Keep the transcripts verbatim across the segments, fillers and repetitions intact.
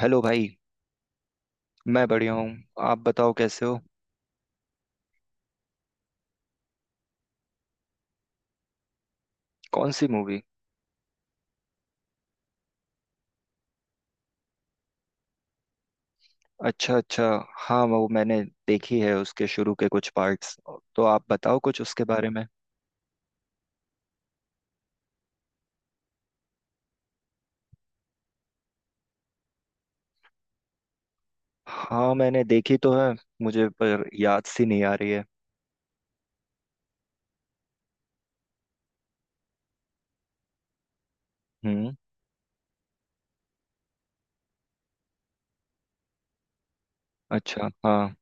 Hello भाई। मैं बढ़िया हूँ। आप बताओ कैसे हो। कौन सी मूवी। अच्छा अच्छा। हाँ वो मैंने देखी है उसके शुरू के कुछ पार्ट्स। तो आप बताओ कुछ उसके बारे में। हाँ मैंने देखी तो है। मुझे पर याद सी नहीं आ रही है। हम्म। अच्छा हाँ।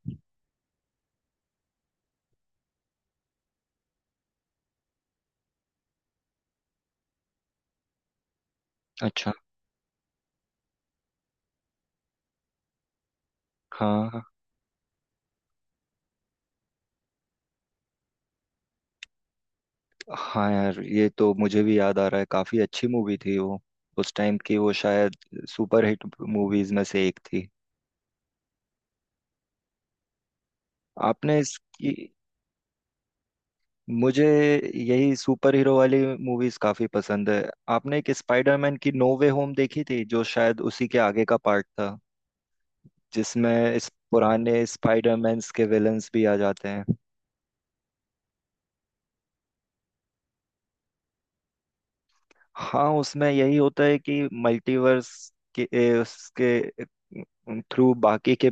अच्छा हाँ हाँ। यार ये तो मुझे भी याद आ रहा है, काफी अच्छी मूवी थी वो। उस टाइम की वो शायद सुपर हिट मूवीज में से एक थी। आपने इसकी। मुझे यही सुपर हीरो वाली मूवीज काफी पसंद है। आपने एक स्पाइडरमैन की नो वे होम देखी थी, जो शायद उसी के आगे का पार्ट था, जिसमें इस पुराने स्पाइडरमैन्स के विलन्स भी आ जाते हैं। हाँ उसमें यही होता है कि मल्टीवर्स के ए, उसके थ्रू बाकी के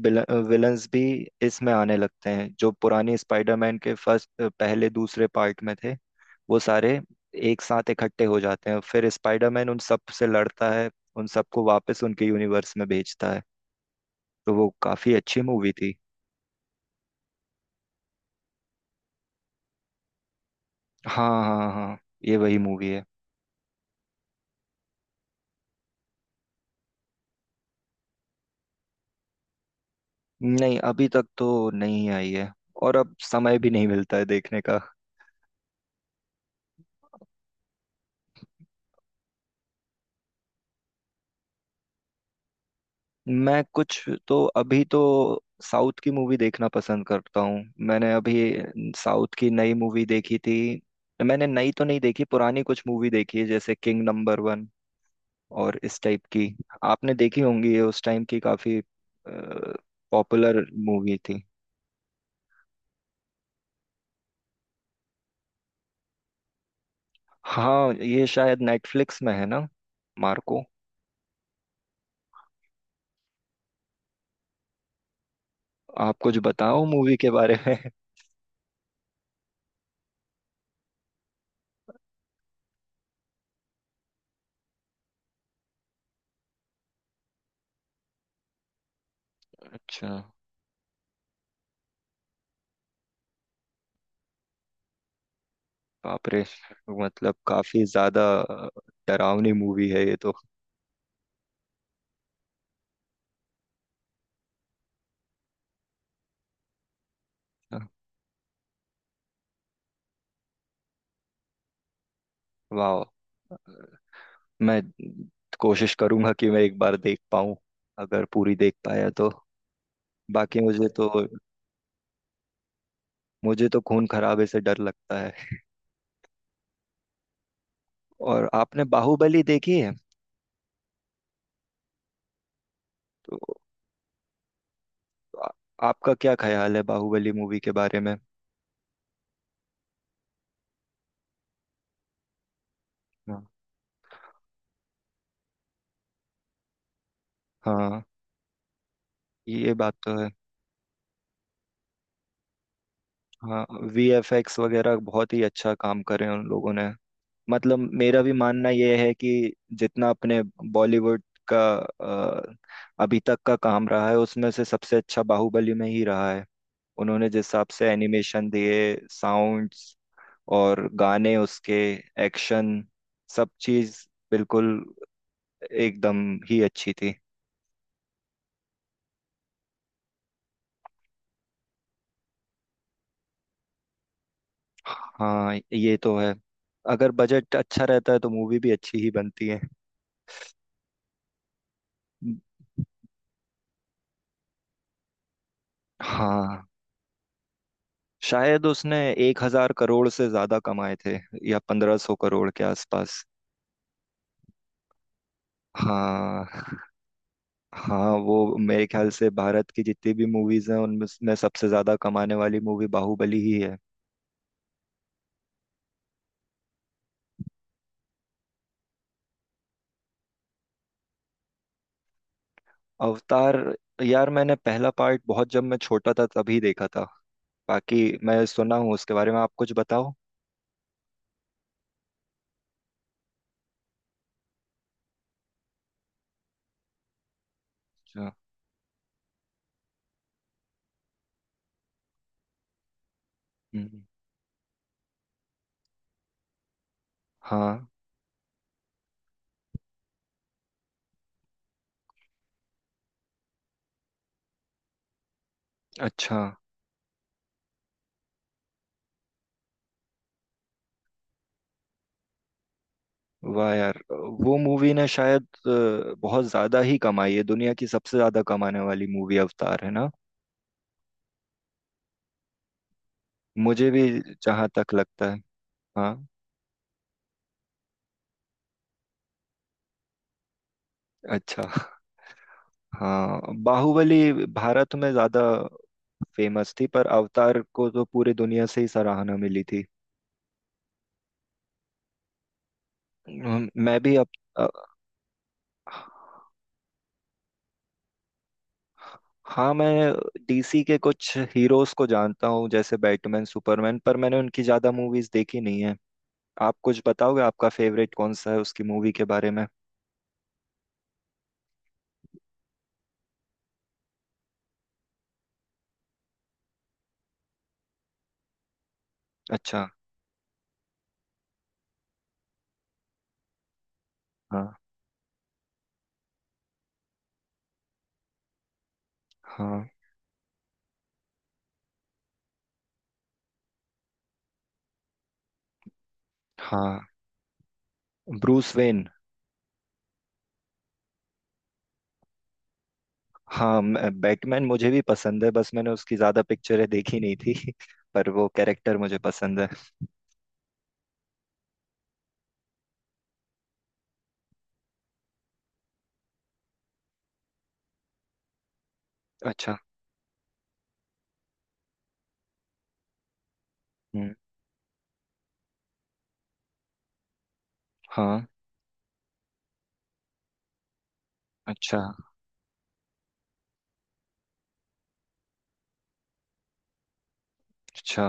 विलन्स भी इसमें आने लगते हैं, जो पुराने स्पाइडरमैन के फर्स्ट पहले दूसरे पार्ट में थे। वो सारे एक साथ इकट्ठे हो जाते हैं, फिर स्पाइडरमैन उन सब से लड़ता है। उन सबको वापस उनके यूनिवर्स में भेजता है। तो वो काफी अच्छी मूवी थी। हाँ हाँ हाँ, ये वही मूवी है। नहीं अभी तक तो नहीं आई है। और अब समय भी नहीं मिलता है देखने का। मैं कुछ तो अभी तो साउथ की मूवी देखना पसंद करता हूँ। मैंने अभी साउथ की नई मूवी देखी थी। मैंने नई तो नहीं देखी, पुरानी कुछ मूवी देखी है, जैसे किंग नंबर वन और इस टाइप की। आपने देखी होंगी, ये उस टाइम की काफी पॉपुलर मूवी थी। हाँ ये शायद नेटफ्लिक्स में है ना। मार्को। आप कुछ बताओ मूवी के बारे में। अच्छा। बाप रे। मतलब काफी ज्यादा डरावनी मूवी है ये तो। वाह। मैं कोशिश करूंगा कि मैं एक बार देख पाऊं, अगर पूरी देख पाया तो। बाकी मुझे तो। मुझे तो खून खराबे से डर लगता है। और आपने बाहुबली देखी है। तो आ- आपका क्या ख्याल है बाहुबली मूवी के बारे में। हाँ हाँ। ये बात तो है। हाँ, वी एफ एक्स वगैरह बहुत ही अच्छा काम करे हैं उन लोगों ने। मतलब मेरा भी मानना यह है कि जितना अपने बॉलीवुड का अ, अभी तक का काम रहा है उसमें से सबसे अच्छा बाहुबली में ही रहा है। उन्होंने जिस हिसाब से एनिमेशन दिए, साउंड्स और गाने उसके, एक्शन, सब चीज बिल्कुल एकदम ही अच्छी थी। हाँ ये तो है। अगर बजट अच्छा रहता है तो मूवी भी अच्छी ही बनती है। हाँ, शायद उसने एक हजार करोड़ से ज्यादा कमाए थे, या पंद्रह सौ करोड़ के आसपास। हाँ हाँ, वो मेरे ख्याल से भारत की जितनी भी मूवीज हैं उनमें में सबसे ज्यादा कमाने वाली मूवी बाहुबली ही है। अवतार। यार मैंने पहला पार्ट बहुत जब मैं छोटा था तभी देखा था। बाकी मैं सुना हूँ उसके बारे में, आप कुछ बताओ। अच्छा। हम्म, हाँ। अच्छा। वाह यार, वो मूवी ने शायद अ, बहुत ज्यादा ही कमाई है, दुनिया की सबसे ज्यादा कमाने वाली मूवी अवतार है ना। मुझे भी जहां तक लगता है। हाँ। अच्छा। हाँ बाहुबली भारत में ज्यादा फेमस थी, पर अवतार को तो पूरी दुनिया से ही सराहना मिली थी। हम्म, मैं भी अब अ, हाँ, मैं डी सी के कुछ हीरोज को जानता हूँ जैसे बैटमैन सुपरमैन, पर मैंने उनकी ज्यादा मूवीज देखी नहीं है। आप कुछ बताओगे आपका फेवरेट कौन सा है उसकी मूवी के बारे में। अच्छा। हाँ हाँ हाँ। Bruce when. हाँ, मैं- बैटमैन मुझे भी पसंद है, बस मैंने उसकी ज्यादा पिक्चरें देखी नहीं थी। पर वो कैरेक्टर मुझे पसंद है। अच्छा। हम्म। हाँ। अच्छा। अच्छा।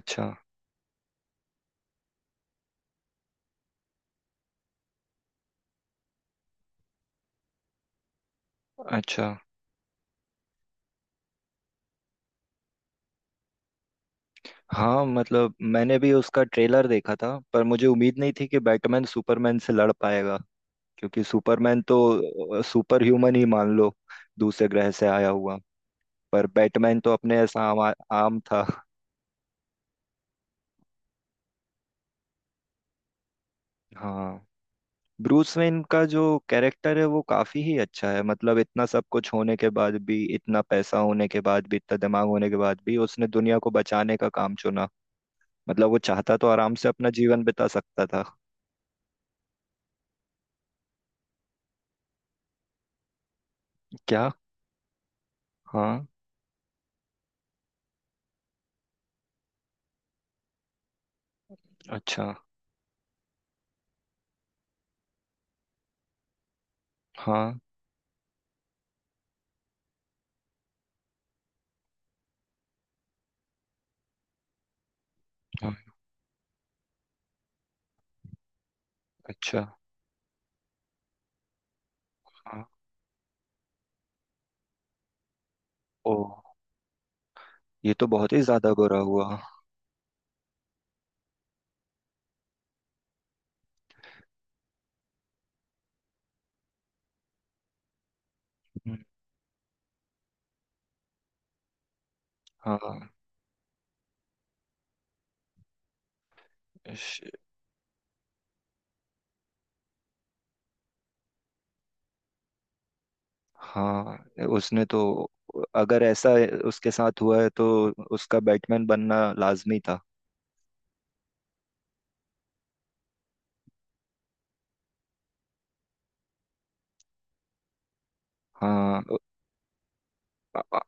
अच्छा। अच्छा। हाँ मतलब मैंने भी उसका ट्रेलर देखा था, पर मुझे उम्मीद नहीं थी कि बैटमैन सुपरमैन से लड़ पाएगा। क्योंकि सुपरमैन तो सुपर ह्यूमन ही मान लो, दूसरे ग्रह से आया हुआ। पर बैटमैन तो अपने ऐसा आम, आम था। हाँ। ब्रूस वेन का जो कैरेक्टर है वो काफी ही अच्छा है, मतलब इतना सब कुछ होने के बाद भी, इतना पैसा होने के बाद भी, इतना दिमाग होने के बाद भी उसने दुनिया को बचाने का काम चुना। मतलब वो चाहता तो आराम से अपना जीवन बिता सकता था। क्या। हाँ। अच्छा। हाँ हाँ। अच्छा। हाँ। ओ, ये तो बहुत ही ज्यादा बुरा हुआ। हम्म, हाँ। हाँ उसने तो, अगर ऐसा उसके साथ हुआ है तो उसका बैटमैन बनना लाजमी था। हाँ। अ- अ-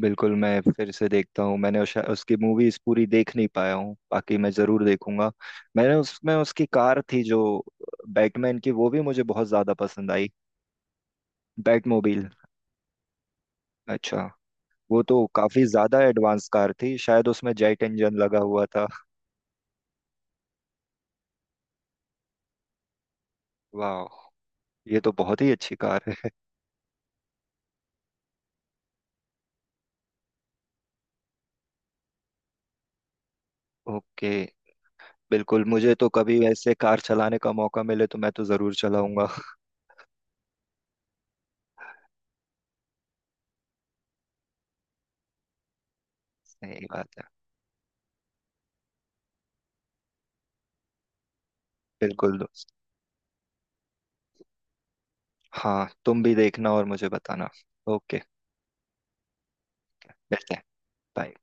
बिल्कुल, मैं फिर से देखता हूँ, मैंने उस, उसकी मूवीज पूरी देख नहीं पाया हूँ, बाकी मैं जरूर देखूंगा। मैंने उसमें उसकी कार थी जो बैटमैन की, वो भी मुझे बहुत ज्यादा पसंद आई। बैटमोबिल। अच्छा। वो तो काफी ज्यादा एडवांस कार थी, शायद उसमें जेट इंजन लगा हुआ था। वाह। ये तो बहुत ही अच्छी कार है। ओके। बिल्कुल, मुझे तो कभी ऐसे कार चलाने का मौका मिले तो मैं तो जरूर चलाऊंगा। सही बात है। बिल्कुल दोस्त। हाँ तुम भी देखना और मुझे बताना। ओके। मिलते हैं। बाय।